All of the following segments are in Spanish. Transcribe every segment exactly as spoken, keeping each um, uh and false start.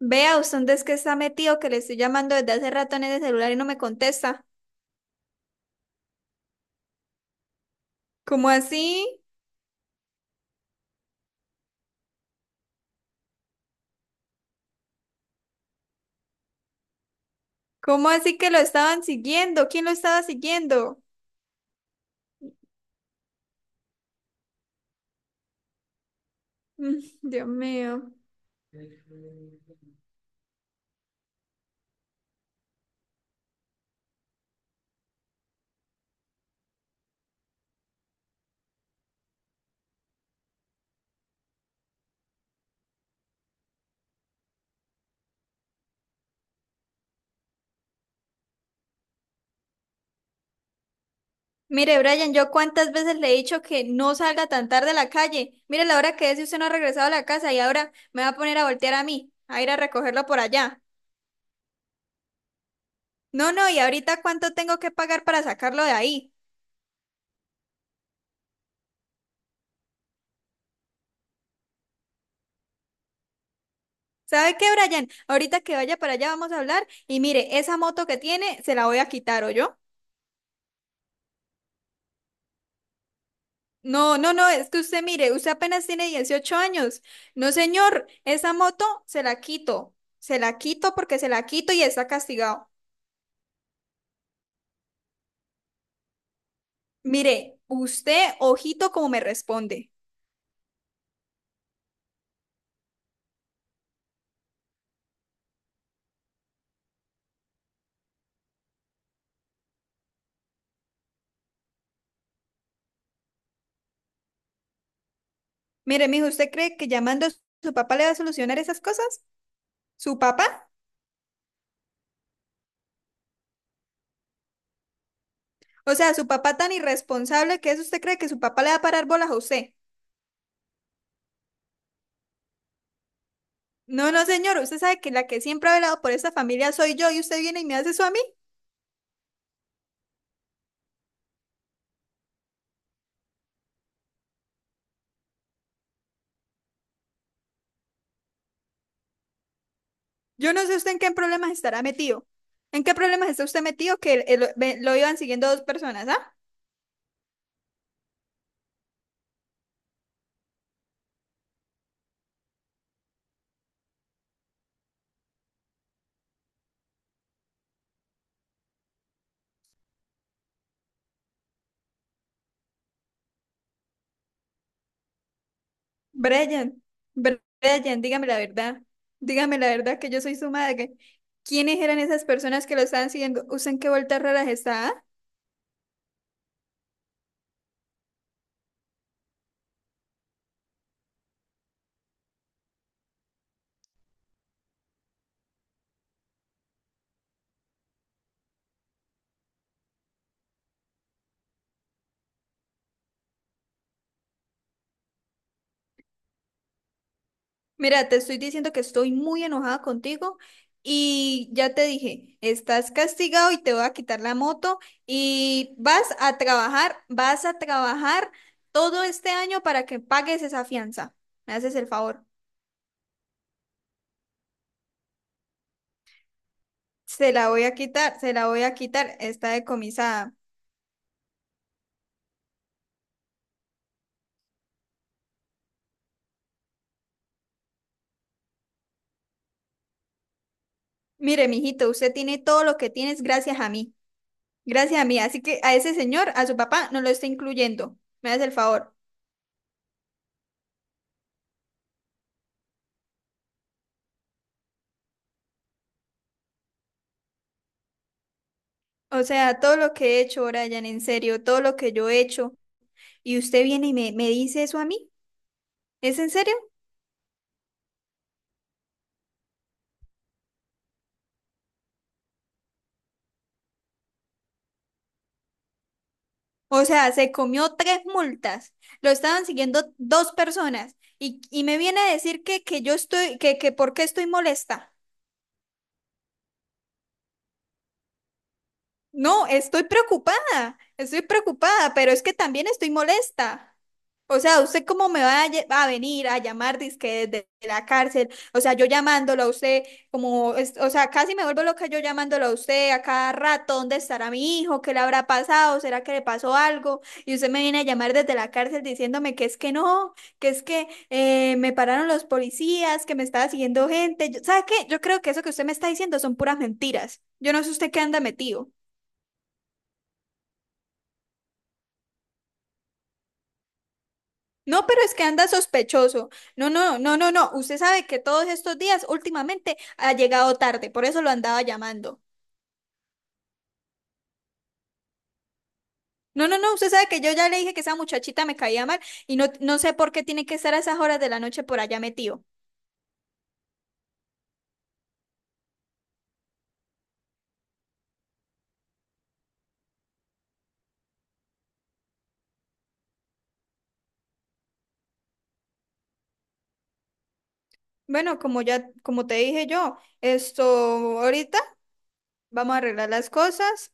Vea, usted dónde es que está metido, que le estoy llamando desde hace rato en ese celular y no me contesta. ¿Cómo así? ¿Cómo así que lo estaban siguiendo? ¿Quién lo estaba siguiendo? Mm, Dios mío. Mire, Brian, yo cuántas veces le he dicho que no salga tan tarde a la calle. Mire la hora que es y usted no ha regresado a la casa y ahora me va a poner a voltear a mí, a ir a recogerlo por allá. No, no, y ahorita cuánto tengo que pagar para sacarlo de ahí. ¿Sabe qué, Brian? Ahorita que vaya para allá vamos a hablar y mire, esa moto que tiene se la voy a quitar, yo. No, no, no, es que usted mire, usted apenas tiene dieciocho años. No, señor, esa moto se la quito. Se la quito porque se la quito y está castigado. Mire, usted, ojito como me responde. Mire, mijo, ¿usted cree que llamando a su papá le va a solucionar esas cosas? ¿Su papá? O sea, su papá tan irresponsable que es, ¿usted cree que su papá le va a parar bolas a usted? No, no, señor, usted sabe que la que siempre ha velado por esta familia soy yo y usted viene y me hace eso a mí. Yo no sé usted en qué problemas estará metido. ¿En qué problemas está usted metido que el- el- ve- lo iban siguiendo dos personas, ah? Brian, Br- Brian, dígame la verdad. Dígame la verdad que yo soy su madre. ¿Quiénes eran esas personas que lo estaban siguiendo? ¿Usted en qué vueltas raras está? Ah? Mira, te estoy diciendo que estoy muy enojada contigo y ya te dije, estás castigado y te voy a quitar la moto y vas a trabajar, vas a trabajar todo este año para que pagues esa fianza. ¿Me haces el favor? Se la voy a quitar, se la voy a quitar, está decomisada. Mire, mijito, usted tiene todo lo que tienes gracias a mí, gracias a mí. Así que a ese señor, a su papá, no lo está incluyendo. Me hace el favor. O sea, todo lo que he hecho, Brian, en serio, todo lo que yo he hecho, y usted viene y me, me dice eso a mí, ¿es en serio? O sea, se comió tres multas, lo estaban siguiendo dos personas, y, y me viene a decir que, que yo estoy, que, que por qué estoy molesta. No, estoy preocupada, estoy preocupada, pero es que también estoy molesta. O sea, ¿usted cómo me va a, lle- a venir a llamar dizque desde la cárcel? O sea, yo llamándolo a usted, como, es- o sea, casi me vuelvo loca yo llamándolo a usted a cada rato, ¿dónde estará mi hijo? ¿Qué le habrá pasado? ¿Será que le pasó algo? Y usted me viene a llamar desde la cárcel diciéndome que es que no, que es que eh, me pararon los policías, que me estaba siguiendo gente. Yo- ¿Sabe qué? Yo creo que eso que usted me está diciendo son puras mentiras. Yo no sé usted qué anda metido. No, pero es que anda sospechoso. No, no, no, no, no. Usted sabe que todos estos días últimamente ha llegado tarde, por eso lo andaba llamando. No, no, no, usted sabe que yo ya le dije que esa muchachita me caía mal y no, no sé por qué tiene que estar a esas horas de la noche por allá metido. Bueno, como ya, como te dije yo, esto ahorita vamos a arreglar las cosas,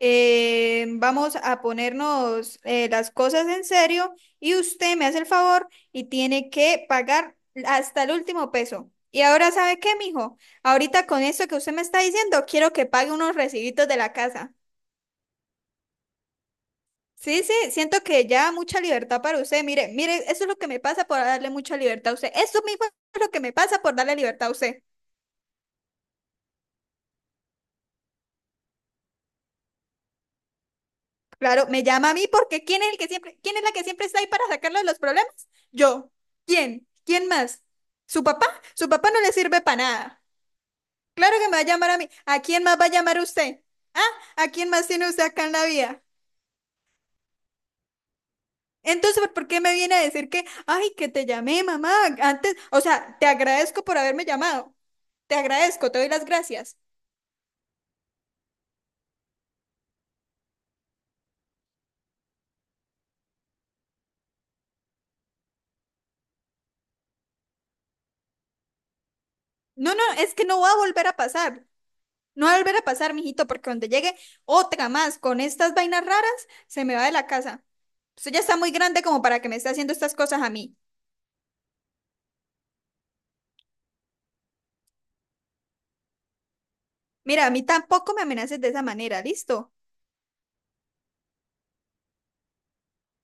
eh, vamos a ponernos, eh, las cosas en serio y usted me hace el favor y tiene que pagar hasta el último peso. Y ahora, ¿sabe qué, mijo? Ahorita con esto que usted me está diciendo, quiero que pague unos recibitos de la casa. Sí, sí, siento que ya mucha libertad para usted. Mire, mire, eso es lo que me pasa por darle mucha libertad a usted. Eso mismo es lo que me pasa por darle libertad a usted. Claro, me llama a mí porque ¿quién es el que siempre, quién es la que siempre está ahí para sacarlo de los problemas? Yo. ¿Quién? ¿Quién más? ¿Su papá? Su papá no le sirve para nada. Claro que me va a llamar a mí. ¿A quién más va a llamar usted? ¿Ah? ¿A quién más tiene usted acá en la vida? Entonces, ¿por qué me viene a decir que, ay, que te llamé, mamá? Antes, o sea, te agradezco por haberme llamado. Te agradezco, te doy las gracias. No, no, es que no va a volver a pasar. No va a volver a pasar, mijito, porque cuando llegue otra más con estas vainas raras, se me va de la casa. Usted ya está muy grande como para que me esté haciendo estas cosas a mí. Mira, a mí tampoco me amenaces de esa manera, ¿listo?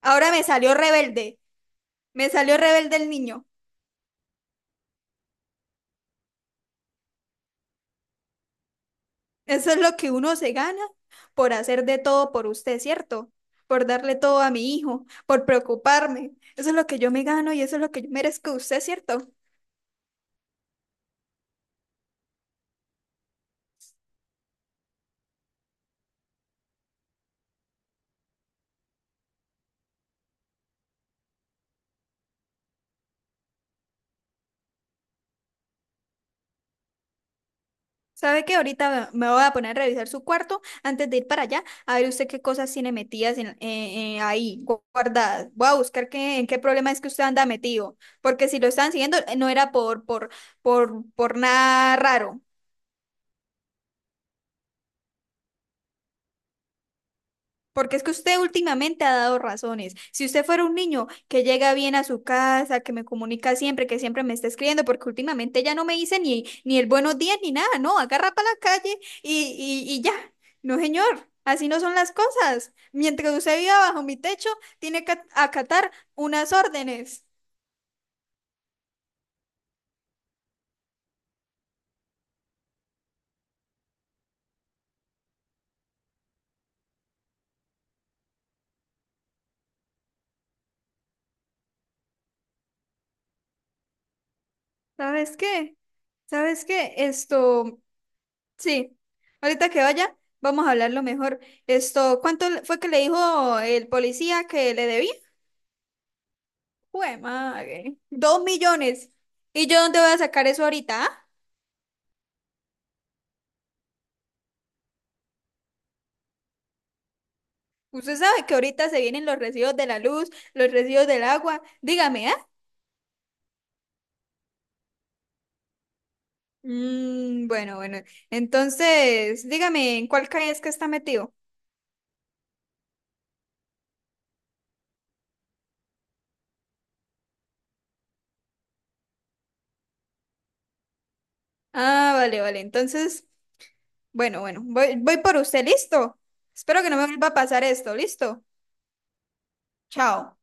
Ahora me salió rebelde. Me salió rebelde el niño. Eso es lo que uno se gana por hacer de todo por usted, ¿cierto? Por darle todo a mi hijo, por preocuparme. Eso es lo que yo me gano y eso es lo que yo merezco de usted, ¿cierto? ¿Sabe que ahorita me voy a poner a revisar su cuarto antes de ir para allá, a ver usted qué cosas tiene metidas en- eh, eh, ahí gu- guardadas. Voy a buscar qué, en qué problema es que usted anda metido, porque si lo estaban siguiendo, eh, no era por, por, por, por nada raro. Porque es que usted últimamente ha dado razones. Si usted fuera un niño que llega bien a su casa, que me comunica siempre, que siempre me está escribiendo, porque últimamente ya no me dice ni, ni el buenos días ni nada, no, agarra para la calle y, y, y ya. No, señor, así no son las cosas. Mientras usted viva bajo mi techo, tiene que acatar unas órdenes. ¿Sabes qué? ¿Sabes qué? Esto, sí, ahorita que vaya, vamos a hablarlo mejor. Esto, ¿cuánto le- fue que le dijo el policía que le debía? Jue madre. Dos millones. ¿Y yo dónde voy a sacar eso ahorita? Ah? Usted sabe que ahorita se vienen los residuos de la luz, los residuos del agua. Dígame, ¿ah? Mm, bueno, bueno. Entonces, dígame, ¿en cuál calle es que está metido? Ah, vale, vale. Entonces, bueno, bueno. Voy, voy por usted, ¿listo? Espero que no me vuelva a pasar esto, ¿listo? Chao.